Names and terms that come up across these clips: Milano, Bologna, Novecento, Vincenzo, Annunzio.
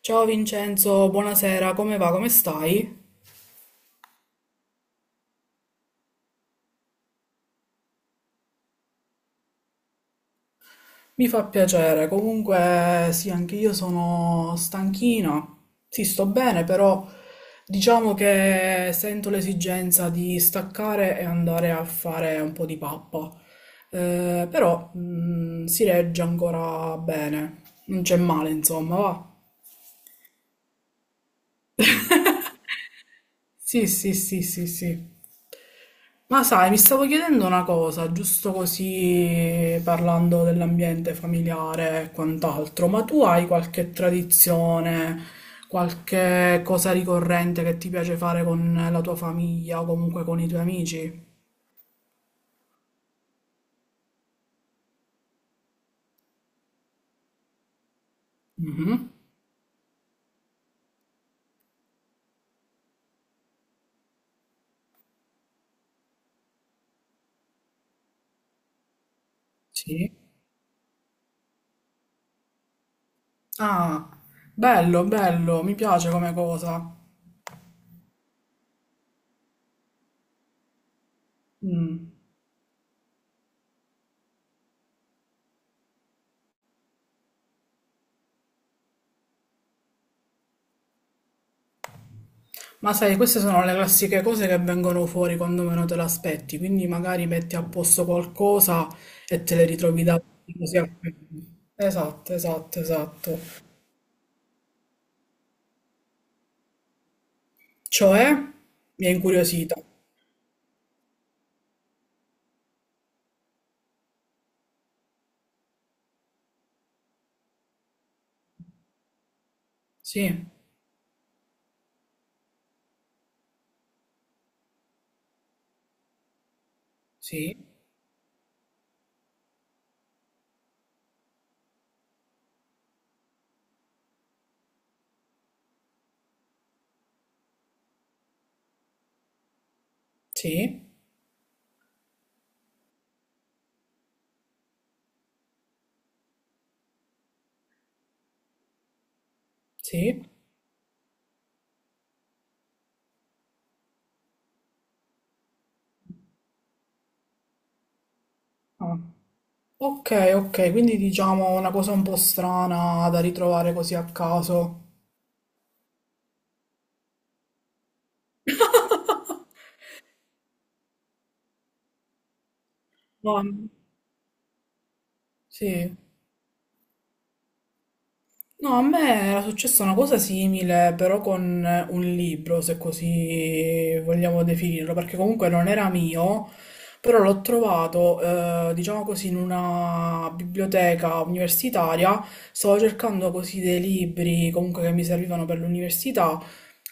Ciao Vincenzo, buonasera, come va? Come stai? Mi fa piacere, comunque sì, anche io sono stanchina. Sì, sto bene, però diciamo che sento l'esigenza di staccare e andare a fare un po' di pappa. Però si regge ancora bene, non c'è male, insomma, va. Sì, sì, sì, sì, sì. Ma sai, mi stavo chiedendo una cosa, giusto così parlando dell'ambiente familiare e quant'altro, ma tu hai qualche tradizione, qualche cosa ricorrente che ti piace fare con la tua famiglia o comunque con i tuoi amici? Mhm. Sì. Ah, bello, bello, mi piace come cosa. Mm. Ma sai, queste sono le classiche cose che vengono fuori quando meno te l'aspetti, quindi magari metti a posto qualcosa e te le ritrovi davanti così a... Esatto, esatto, esatto. Cioè, mi ha incuriosita. Sì, sì, sì, sì. Ah. Ok, ok, quindi diciamo una cosa un po' strana da ritrovare così a caso. No, sì. No, a me era successa una cosa simile, però con un libro, se così vogliamo definirlo, perché comunque non era mio, però l'ho trovato, diciamo così, in una biblioteca universitaria. Stavo cercando così dei libri comunque che mi servivano per l'università.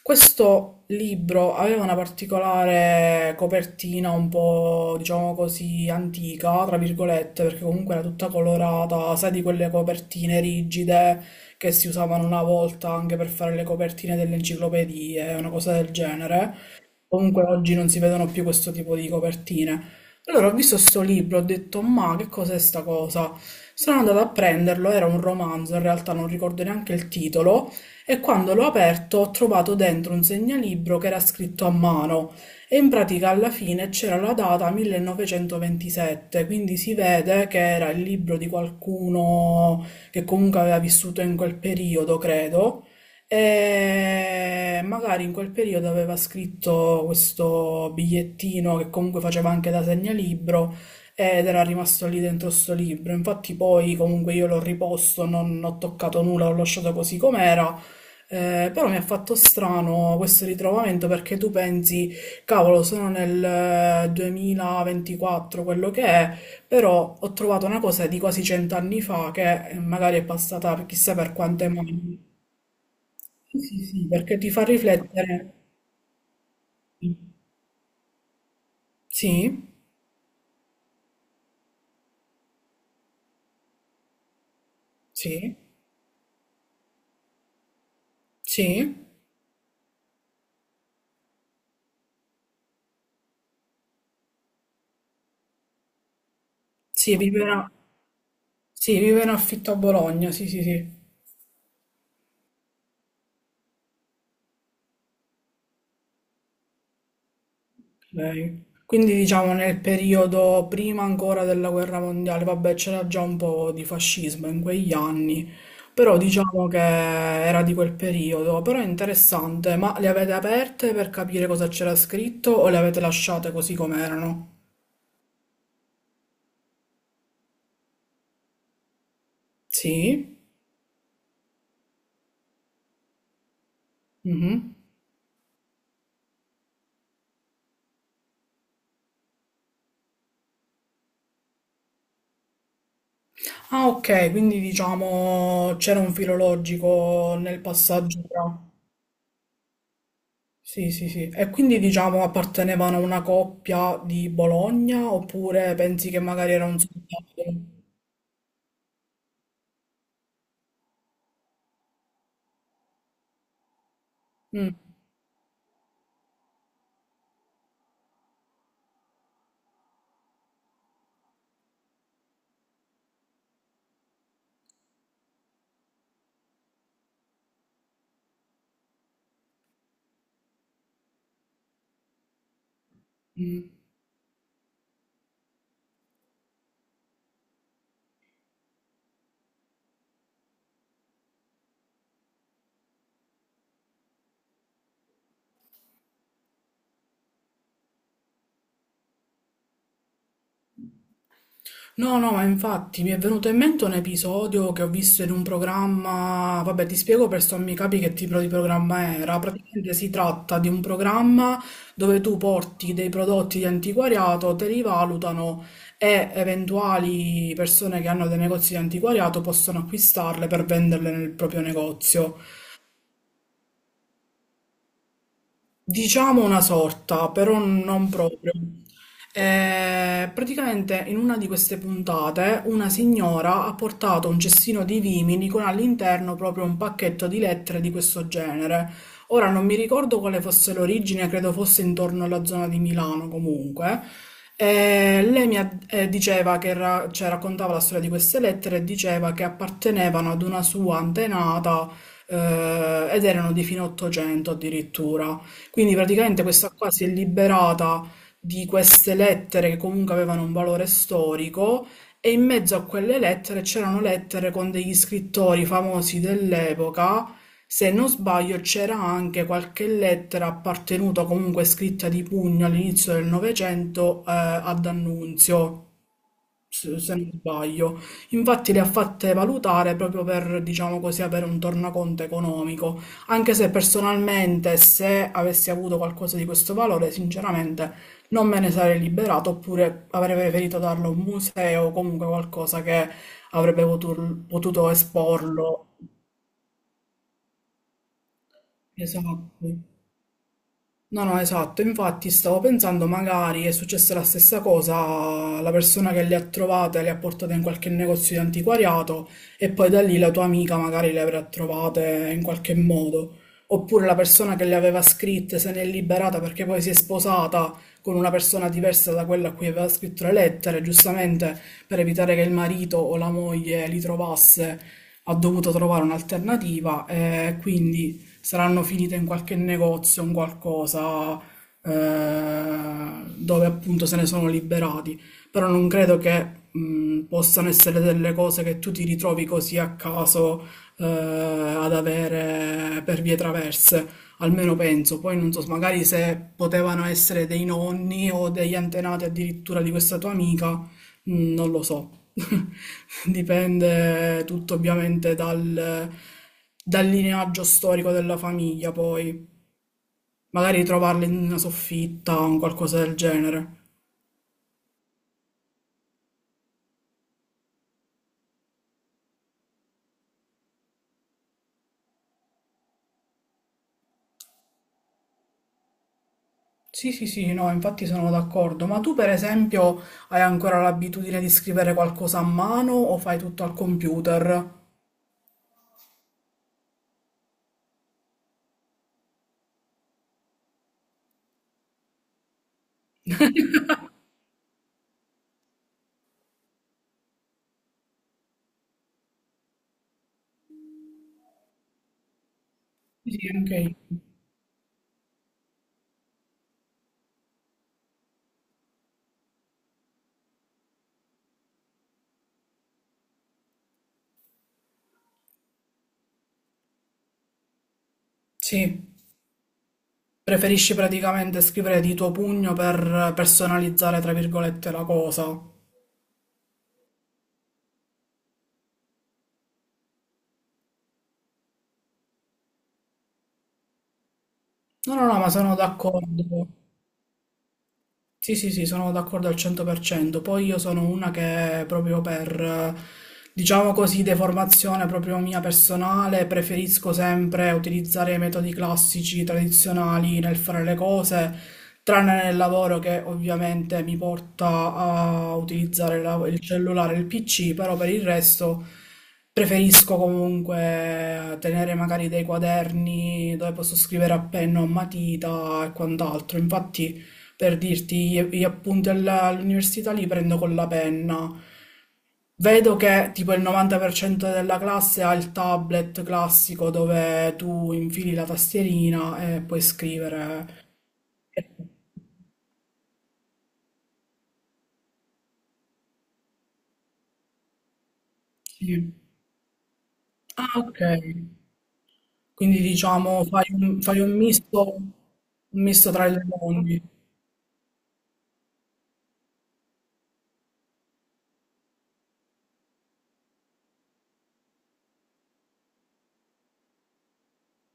Questo libro aveva una particolare copertina un po', diciamo così, antica, tra virgolette, perché comunque era tutta colorata, sai, di quelle copertine rigide che si usavano una volta anche per fare le copertine delle enciclopedie, una cosa del genere. Comunque oggi non si vedono più questo tipo di copertine. Allora ho visto sto libro, ho detto, ma che cos'è sta cosa? Sono andata a prenderlo, era un romanzo, in realtà non ricordo neanche il titolo, e quando l'ho aperto ho trovato dentro un segnalibro che era scritto a mano e in pratica alla fine c'era la data 1927, quindi si vede che era il libro di qualcuno che comunque aveva vissuto in quel periodo, credo. E magari in quel periodo aveva scritto questo bigliettino che comunque faceva anche da segnalibro ed era rimasto lì dentro sto libro. Infatti poi comunque io l'ho riposto, non ho toccato nulla, l'ho lasciato così com'era. Però mi ha fatto strano questo ritrovamento perché tu pensi, cavolo, sono nel 2024, quello che è, però ho trovato una cosa di quasi cent'anni fa che magari è passata per chissà per quante mani. Sì, sì, sì, perché ti fa riflettere. Sì, sì, sì, sì, vive in, sì, vive in affitto a Bologna, sì, sì, sì, lei. Quindi diciamo nel periodo prima ancora della guerra mondiale, vabbè, c'era già un po' di fascismo in quegli anni, però diciamo che era di quel periodo, però è interessante, ma le avete aperte per capire cosa c'era scritto o le avete lasciate così com'erano? Sì? Mhm. Ah, ok, quindi diciamo c'era un filo logico nel passaggio tra... Sì, sì, sì. E quindi diciamo appartenevano a una coppia di Bologna oppure pensi che magari era un soldato? Mm, mm. No, no, ma infatti mi è venuto in mente un episodio che ho visto in un programma, vabbè, ti spiego per sommi capi che tipo di programma era. Praticamente si tratta di un programma dove tu porti dei prodotti di antiquariato, te li valutano e eventuali persone che hanno dei negozi di antiquariato possono acquistarle per venderle nel proprio negozio. Diciamo una sorta, però non proprio. Praticamente in una di queste puntate una signora ha portato un cestino di vimini con all'interno proprio un pacchetto di lettere di questo genere. Ora non mi ricordo quale fosse l'origine, credo fosse intorno alla zona di Milano comunque. Lei diceva che cioè, raccontava la storia di queste lettere e diceva che appartenevano ad una sua antenata, ed erano di fine 800 addirittura. Quindi praticamente questa qua si è liberata di queste lettere che comunque avevano un valore storico e in mezzo a quelle lettere c'erano lettere con degli scrittori famosi dell'epoca. Se non sbaglio c'era anche qualche lettera appartenuta comunque scritta di pugno all'inizio del Novecento, ad Annunzio se non sbaglio. Infatti le ha fatte valutare proprio per, diciamo così, avere un tornaconto economico, anche se personalmente se avessi avuto qualcosa di questo valore, sinceramente non me ne sarei liberato, oppure avrei preferito darlo a un museo o comunque qualcosa che avrebbe potuto esporlo. Esatto. No, no, esatto, infatti stavo pensando magari è successa la stessa cosa alla persona che le ha trovate, le ha portate in qualche negozio di antiquariato e poi da lì la tua amica magari le avrà trovate in qualche modo. Oppure la persona che le aveva scritte se ne è liberata perché poi si è sposata con una persona diversa da quella a cui aveva scritto le lettere, giustamente per evitare che il marito o la moglie li trovasse ha dovuto trovare un'alternativa e quindi saranno finite in qualche negozio, in qualcosa eh, dove appunto se ne sono liberati. Però non credo che possano essere delle cose che tu ti ritrovi così a caso, ad avere per vie traverse. Almeno penso, poi non so, magari se potevano essere dei nonni o degli antenati addirittura di questa tua amica, Mhmm, non lo so. Dipende tutto ovviamente dal lineaggio storico della famiglia poi. Magari trovarle in una soffitta o un qualcosa del genere. Sì, sì, sì, no, infatti sono d'accordo. Ma tu per esempio hai ancora l'abitudine di scrivere qualcosa a mano o fai tutto al computer? Sì, sì, anche io. Sì. Preferisci praticamente scrivere di tuo pugno per personalizzare, tra virgolette, la cosa. No, no, no, ma sono d'accordo. Sì, sì, sì, sono d'accordo al 100%. Poi io sono una che proprio per, diciamo così, deformazione proprio mia personale, preferisco sempre utilizzare i metodi classici, tradizionali nel fare le cose, tranne nel lavoro che ovviamente mi porta a utilizzare il cellulare, il PC, però per il resto preferisco comunque tenere magari dei quaderni dove posso scrivere a penna o matita e quant'altro. Infatti... Per dirti, gli appunti all'università li prendo con la penna. Vedo che tipo il 90% della classe ha il tablet classico dove tu infili la tastierina e puoi scrivere. Eh, sì. Ah, ok. Quindi diciamo fai un misto tra i due mondi.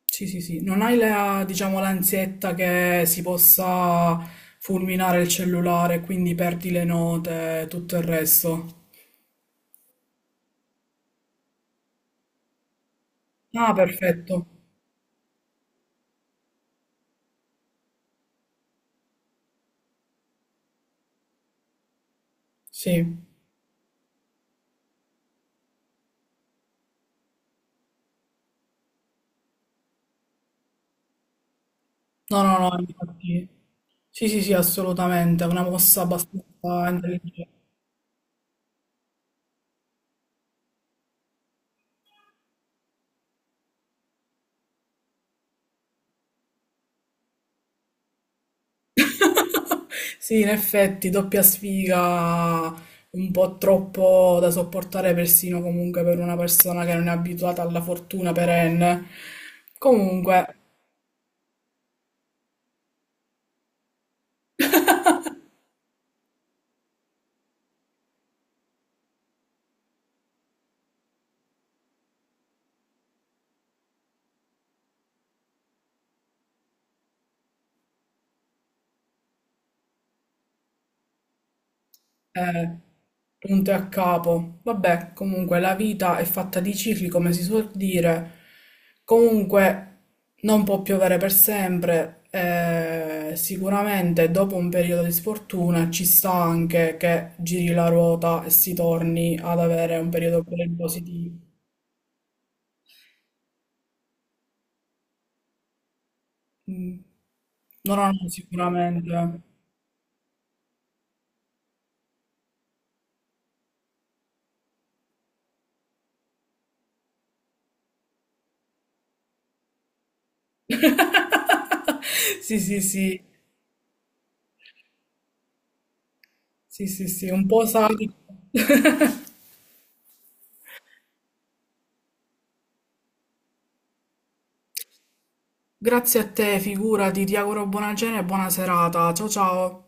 Sì, sì, sì, non hai la, diciamo, l'ansietta che si possa fulminare il cellulare, quindi perdi le note e tutto il resto. Ah, perfetto. Sì. No, no, no, infatti. Sì, sì, sì, assolutamente, è una mossa abbastanza intelligente. Sì, in effetti, doppia sfiga un po' troppo da sopportare persino comunque per una persona che non è abituata alla fortuna perenne. Comunque, Eh, punto e a capo. Vabbè, comunque la vita è fatta di cicli, come si suol dire. Comunque non può piovere per sempre. Sicuramente dopo un periodo di sfortuna ci sta anche che giri la ruota e si torni ad avere un periodo pure positivo. Mm. No, no, no, sicuramente. Sì, sì, sì, sì, sì, sì, un po' sadico. Grazie a te, figurati, ti auguro buona cena e buona serata, ciao ciao!